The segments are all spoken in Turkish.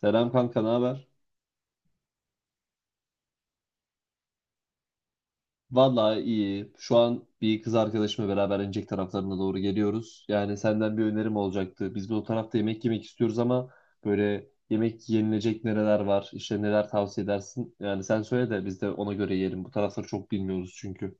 Selam kanka, ne haber? Vallahi iyi. Şu an bir kız arkadaşımla beraber Incek taraflarına doğru geliyoruz. Yani senden bir önerim olacaktı. Biz de o tarafta yemek yemek istiyoruz ama böyle yemek yenilecek nereler var, işte neler tavsiye edersin? Yani sen söyle de biz de ona göre yiyelim. Bu tarafları çok bilmiyoruz çünkü.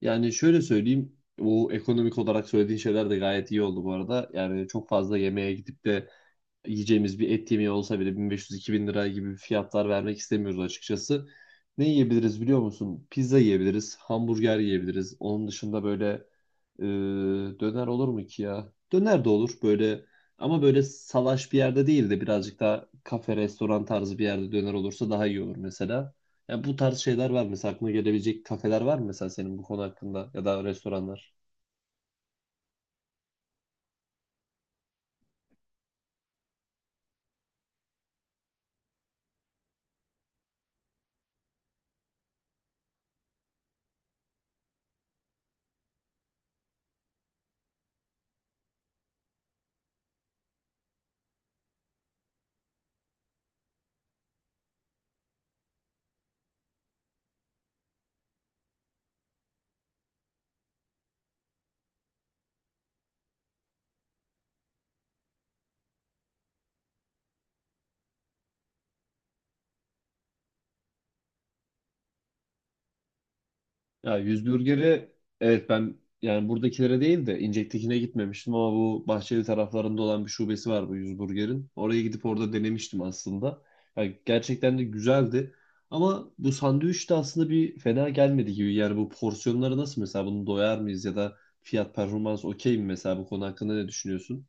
Yani şöyle söyleyeyim, bu ekonomik olarak söylediğin şeyler de gayet iyi oldu bu arada. Yani çok fazla yemeğe gidip de yiyeceğimiz bir et yemeği olsa bile 1.500-2.000 lira gibi fiyatlar vermek istemiyoruz açıkçası. Ne yiyebiliriz biliyor musun? Pizza yiyebiliriz, hamburger yiyebiliriz. Onun dışında böyle e, döner olur mu ki ya? Döner de olur böyle ama böyle salaş bir yerde değil de birazcık daha kafe, restoran tarzı bir yerde döner olursa daha iyi olur mesela. Ya bu tarz şeyler var mesela aklına gelebilecek kafeler var mı mesela senin bu konu hakkında ya da restoranlar? Ya yüz burgeri, evet, ben yani buradakilere değil de İncek'tekine gitmemiştim ama bu Bahçeli taraflarında olan bir şubesi var bu yüz burgerin. Oraya gidip orada denemiştim aslında. Yani gerçekten de güzeldi. Ama bu sandviç de aslında bir fena gelmedi gibi. Yani bu porsiyonları nasıl mesela, bunu doyar mıyız ya da fiyat performans okey mi mesela, bu konu hakkında ne düşünüyorsun?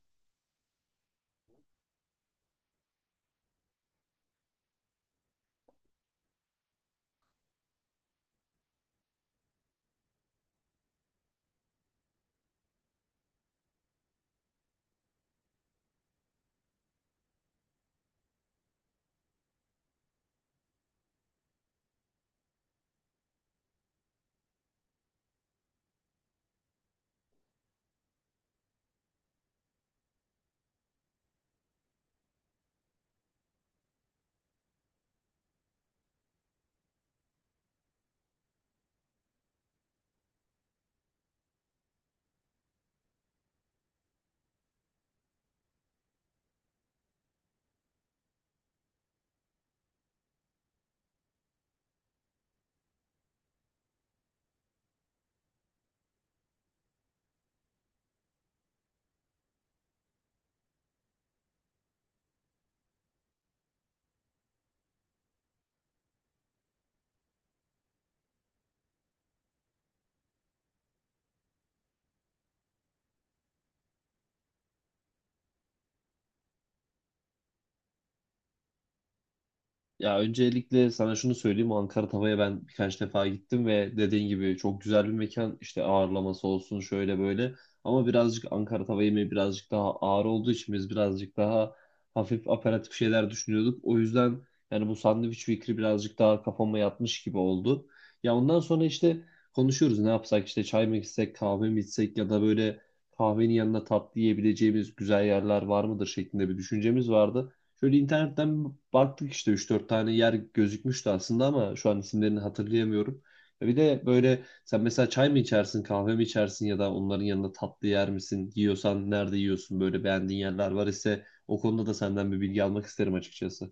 Ya öncelikle sana şunu söyleyeyim. Ankara Tava'ya ben birkaç defa gittim ve dediğin gibi çok güzel bir mekan. İşte ağırlaması olsun şöyle böyle. Ama birazcık Ankara Tava yemeği birazcık daha ağır olduğu için biz birazcık daha hafif aperatif şeyler düşünüyorduk. O yüzden yani bu sandviç fikri birazcık daha kafama yatmış gibi oldu. Ya ondan sonra işte konuşuyoruz, ne yapsak işte, çay mı içsek, kahve mi içsek ya da böyle kahvenin yanına tatlı yiyebileceğimiz güzel yerler var mıdır şeklinde bir düşüncemiz vardı. Şöyle internetten baktık, işte üç dört tane yer gözükmüştü aslında ama şu an isimlerini hatırlayamıyorum. Ya bir de böyle sen mesela çay mı içersin, kahve mi içersin ya da onların yanında tatlı yer misin? Yiyorsan nerede yiyorsun? Böyle beğendiğin yerler var ise o konuda da senden bir bilgi almak isterim açıkçası.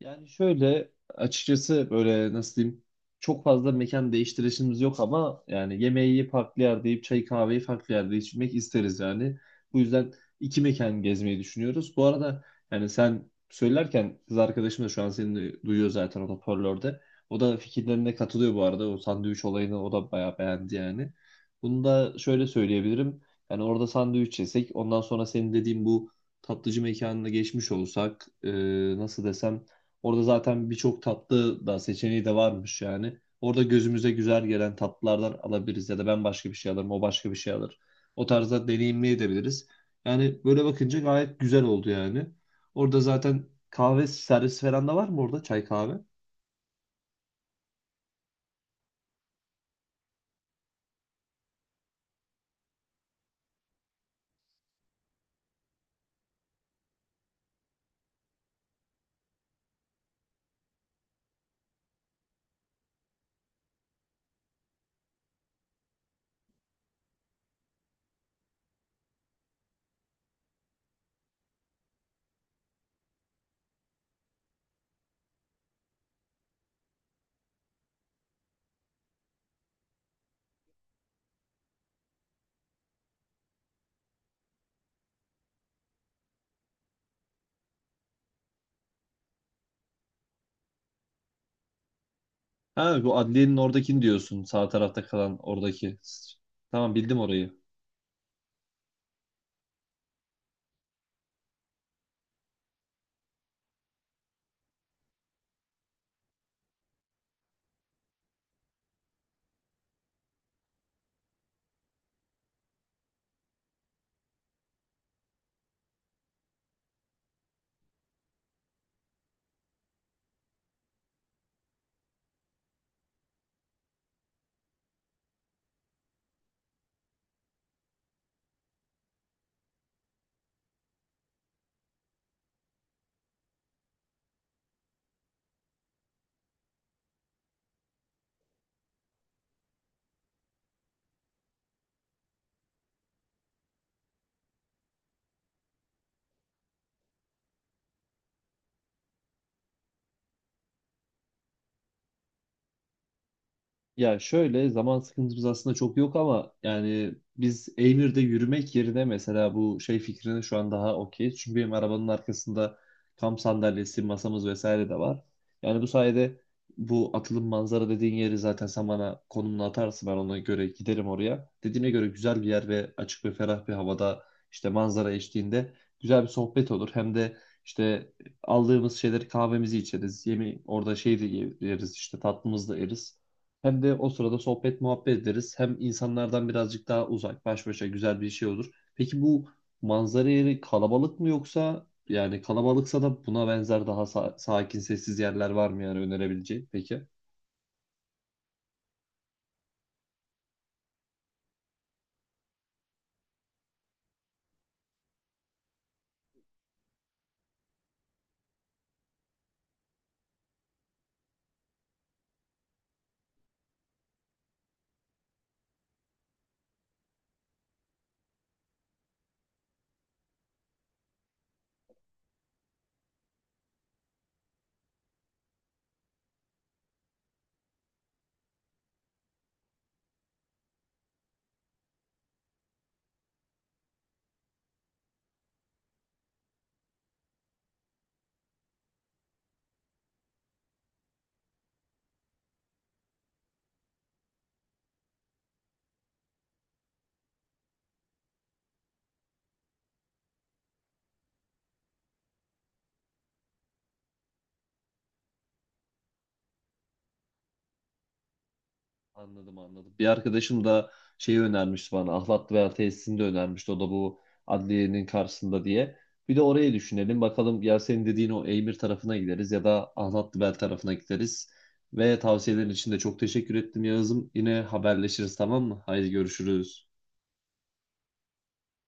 Yani şöyle açıkçası böyle nasıl diyeyim, çok fazla mekan değiştirişimiz yok ama yani yemeği farklı yerde yiyip çay kahveyi farklı yerde içmek isteriz yani. Bu yüzden iki mekan gezmeyi düşünüyoruz. Bu arada yani sen söylerken kız arkadaşım da şu an seni de duyuyor zaten, o hoparlörde. O da fikirlerine katılıyor bu arada. O sandviç olayını o da bayağı beğendi yani. Bunu da şöyle söyleyebilirim. Yani orada sandviç yesek, ondan sonra senin dediğin bu tatlıcı mekanına geçmiş olsak, nasıl desem, orada zaten birçok tatlı da seçeneği de varmış yani. Orada gözümüze güzel gelen tatlılardan alabiliriz ya da ben başka bir şey alırım, o başka bir şey alır. O tarzda deneyimleyebiliriz. Yani böyle bakınca gayet güzel oldu yani. Orada zaten kahve servis falan da var mı orada? Çay kahve? Ha, bu adliyenin oradakini diyorsun. Sağ tarafta kalan oradaki. Tamam, bildim orayı. Ya şöyle, zaman sıkıntımız aslında çok yok ama yani biz Eymir'de yürümek yerine mesela bu şey fikrine şu an daha okeyiz. Çünkü benim arabanın arkasında kamp sandalyesi, masamız vesaire de var. Yani bu sayede bu atılım manzara dediğin yeri zaten sen bana konumunu atarsın, ben ona göre giderim oraya. Dediğine göre güzel bir yer ve açık ve ferah bir havada, işte manzara eşliğinde güzel bir sohbet olur. Hem de işte aldığımız şeyleri, kahvemizi içeriz. Yemi orada şey de yeriz, işte tatlımızı da yeriz. Hem de o sırada sohbet muhabbet ederiz. Hem insanlardan birazcık daha uzak, baş başa güzel bir şey olur. Peki bu manzara yeri kalabalık mı, yoksa yani kalabalıksa da buna benzer daha sakin, sessiz yerler var mı yani önerebileceğin? Peki. Anladım, anladım. Bir arkadaşım da şeyi önermişti bana. Ahlat Duyar Tesisini de önermişti. O da bu adliyenin karşısında diye. Bir de orayı düşünelim. Bakalım, ya senin dediğin o Eymir tarafına gideriz ya da Ahlat Duyar tarafına gideriz. Ve tavsiyelerin için de çok teşekkür ettim Yağız'ım. Yine haberleşiriz, tamam mı? Haydi görüşürüz.